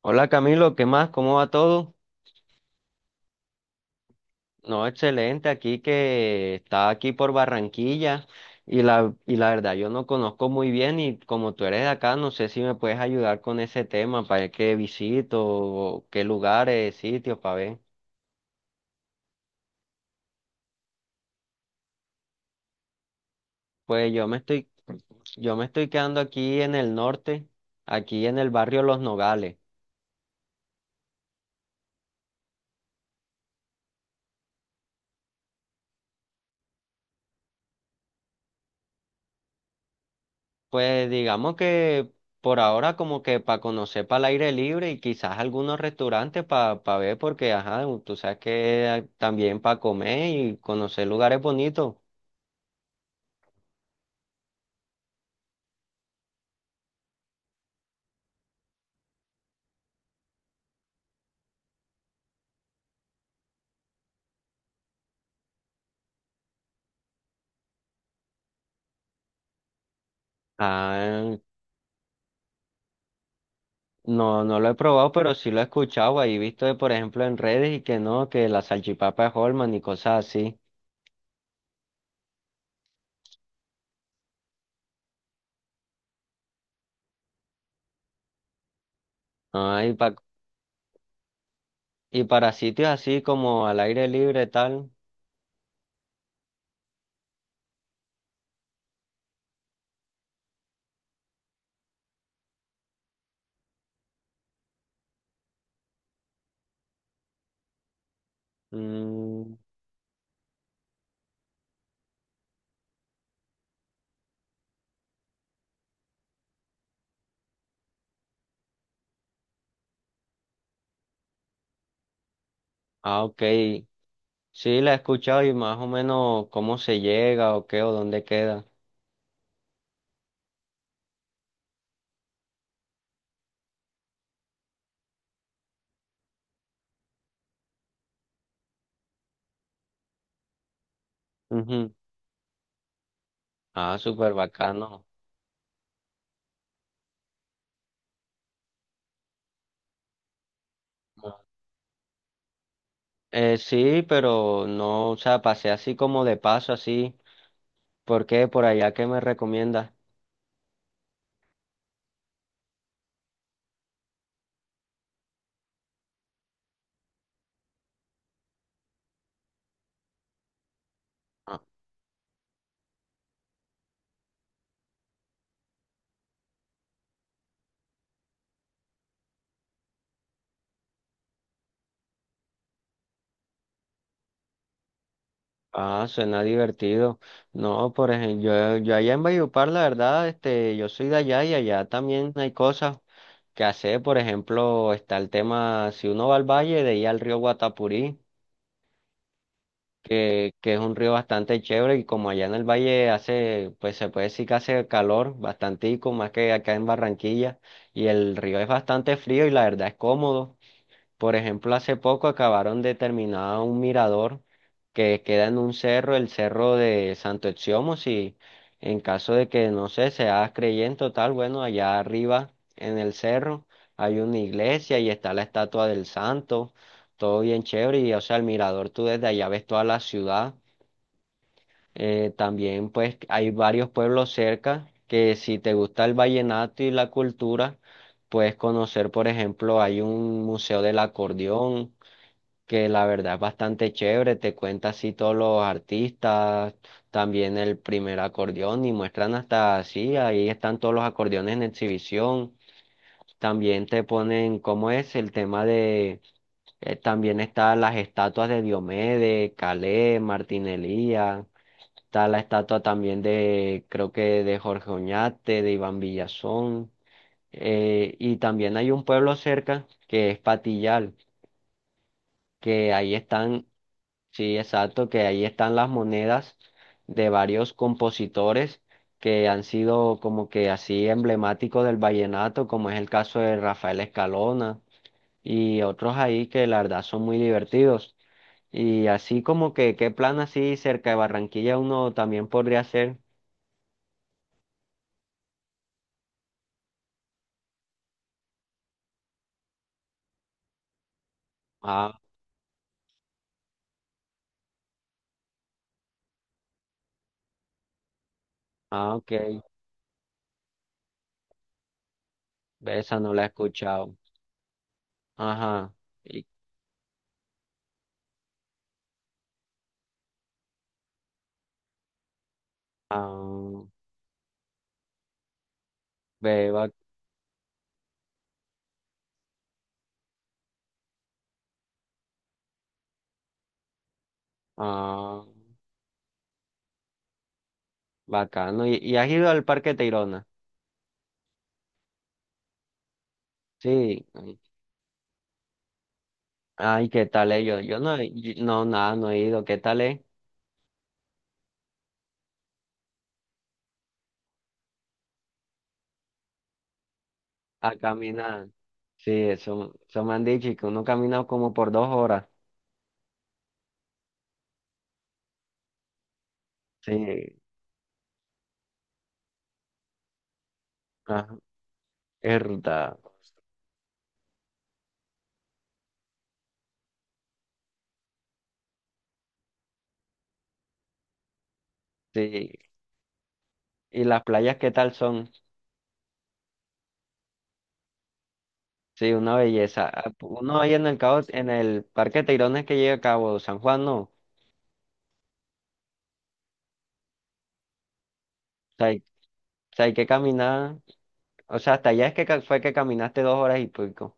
Hola Camilo, ¿qué más? ¿Cómo va todo? No, excelente, aquí que está aquí por Barranquilla y la verdad yo no conozco muy bien y como tú eres de acá, no sé si me puedes ayudar con ese tema, para ver qué visito, o qué lugares, sitios, para ver. Pues yo me estoy quedando aquí en el norte, aquí en el barrio Los Nogales. Pues digamos que por ahora como que para conocer para el aire libre y quizás algunos restaurantes para ver porque, ajá, tú sabes que hay también para comer y conocer lugares bonitos. Ah, no, no lo he probado, pero sí lo he escuchado. Ahí he visto, por ejemplo, en redes y que no, que la salchipapa es Holman y cosas así. Ah, y para sitios así como al aire libre tal. Mm, ah, ok. Sí, la he escuchado y más o menos cómo se llega o qué o dónde queda. Ujú. Ah, súper bacano. Sí, pero no, o sea, pasé así como de paso, así. ¿Por qué? Por allá, ¿qué me recomiendas? Ah, ah, suena divertido. No, por ejemplo, yo allá en Valledupar, la verdad, yo soy de allá y allá también hay cosas que hacer. Por ejemplo, está el tema, si uno va al valle, de ir al río Guatapurí. Que es un río bastante chévere y como allá en el valle hace, pues se puede decir que hace calor bastantico, más que acá en Barranquilla, y el río es bastante frío y la verdad es cómodo. Por ejemplo, hace poco acabaron de terminar un mirador que queda en un cerro, el cerro de Santo Exiomus, y en caso de que, no sé, seas creyente o tal, bueno, allá arriba en el cerro hay una iglesia y está la estatua del santo, todo bien chévere, y o sea, el mirador tú desde allá ves toda la ciudad. También pues hay varios pueblos cerca que si te gusta el vallenato y la cultura, puedes conocer, por ejemplo, hay un museo del acordeón que la verdad es bastante chévere, te cuenta así todos los artistas, también el primer acordeón y muestran hasta así, ahí están todos los acordeones en exhibición, también te ponen cómo es el tema de, también están las estatuas de Diomedes, Calais, Martín Elías, está la estatua también de, creo que de Jorge Oñate, de Iván Villazón, y también hay un pueblo cerca que es Patillal, que ahí están. Sí, exacto, que ahí están las monedas de varios compositores que han sido como que así emblemáticos del vallenato, como es el caso de Rafael Escalona y otros ahí que la verdad son muy divertidos. Y así como que, ¿qué plan así cerca de Barranquilla uno también podría hacer? Ah, ah, ok, ve, esa no la he escuchado. Ajá, y, ah, ve, ah, bacano. ¿Y has ido al Parque Tayrona? Sí, ay, ¿qué tal es? Yo no, no, nada, no he ido. ¿Qué tal es? A caminar. Sí, eso me han dicho y que uno camina como por 2 horas. Sí, ajá, es verdad. Sí, y las playas, ¿qué tal son? Sí, una belleza. Ah, uno ahí en el cabo, en el Parque Teirones que llega a Cabo San Juan, no. O sea, hay, que caminar. O sea, hasta allá es que fue que caminaste 2 horas y pico.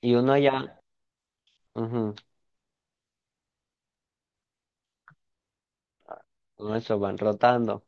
Y uno allá, ujú, uno eso van rotando.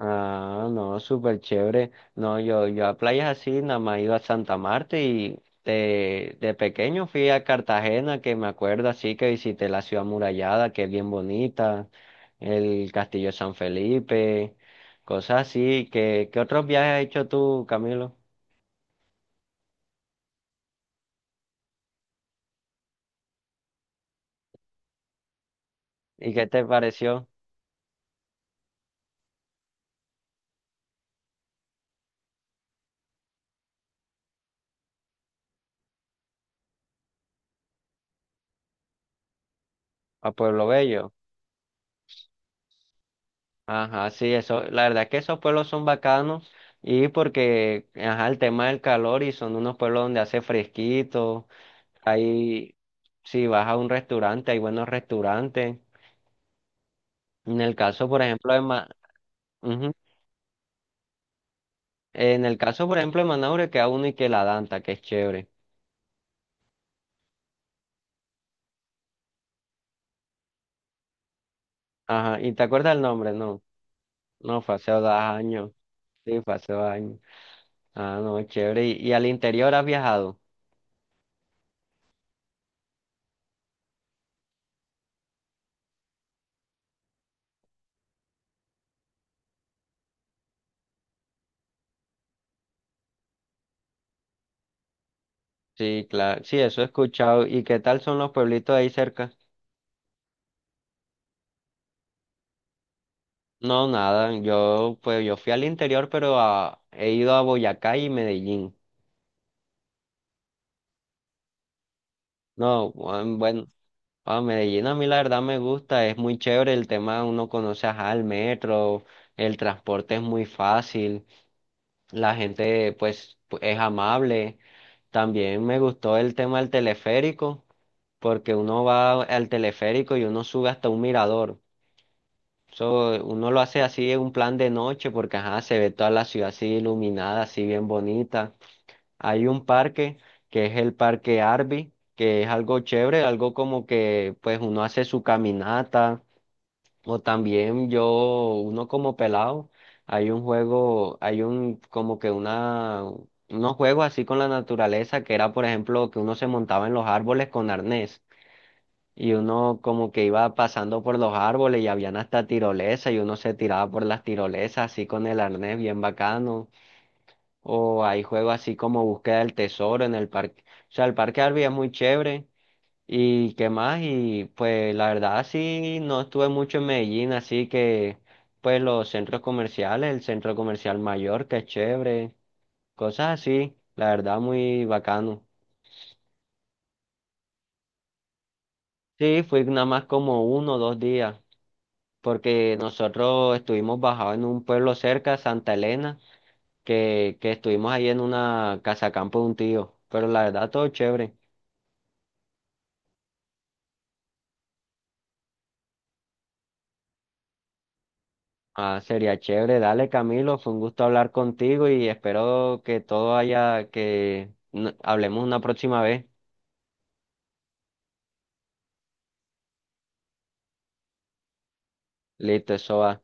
Ah, no, súper chévere. No, yo a playas así, nada más he ido a Santa Marta y de pequeño fui a Cartagena, que me acuerdo así que visité la ciudad amurallada, que es bien bonita, el Castillo de San Felipe, cosas así. ¿Qué otros viajes has hecho tú, Camilo? ¿Y qué te pareció a Pueblo Bello? Ajá, sí, eso, la verdad es que esos pueblos son bacanos y porque, ajá, el tema del calor y son unos pueblos donde hace fresquito. Ahí, si vas a un restaurante, hay buenos restaurantes. En el caso, por ejemplo, de Ma- Ujú. En el caso, por ejemplo, de Manaure queda uno y que la Danta, que es chévere. Ajá, ¿y te acuerdas el nombre? No, no, fue hace 2 años. Sí, fue hace 2 años. Ah, no, chévere. ¿Y al interior has viajado? Sí, claro. Sí, eso he escuchado. ¿Y qué tal son los pueblitos ahí cerca? No, nada. Yo fui al interior, pero he ido a Boyacá y Medellín. No, bueno, ah, Medellín a mí la verdad me gusta, es muy chévere el tema, uno conoce ajá, el metro, el transporte es muy fácil, la gente pues es amable. También me gustó el tema del teleférico, porque uno va al teleférico y uno sube hasta un mirador. Eso uno lo hace así en un plan de noche porque ajá, se ve toda la ciudad así iluminada, así bien bonita. Hay un parque que es el Parque Arby, que es algo chévere, algo como que pues uno hace su caminata o también yo, uno como pelado, hay un juego, hay un como que una, unos juegos así con la naturaleza que era por ejemplo que uno se montaba en los árboles con arnés y uno como que iba pasando por los árboles y habían hasta tirolesa y uno se tiraba por las tirolesas así con el arnés bien bacano. O hay juegos así como búsqueda del tesoro en el parque. O sea, el parque Arby es muy chévere. ¿Y qué más? Y pues la verdad sí, no estuve mucho en Medellín, así que pues los centros comerciales, el centro comercial mayor, que es chévere, cosas así, la verdad muy bacano. Sí, fui nada más como 1 o 2 días, porque nosotros estuvimos bajados en un pueblo cerca, Santa Elena, que estuvimos ahí en una casa campo de un tío, pero la verdad todo chévere. Ah, sería chévere. Dale, Camilo, fue un gusto hablar contigo y espero que todo haya, que hablemos una próxima vez. Listo, eso va.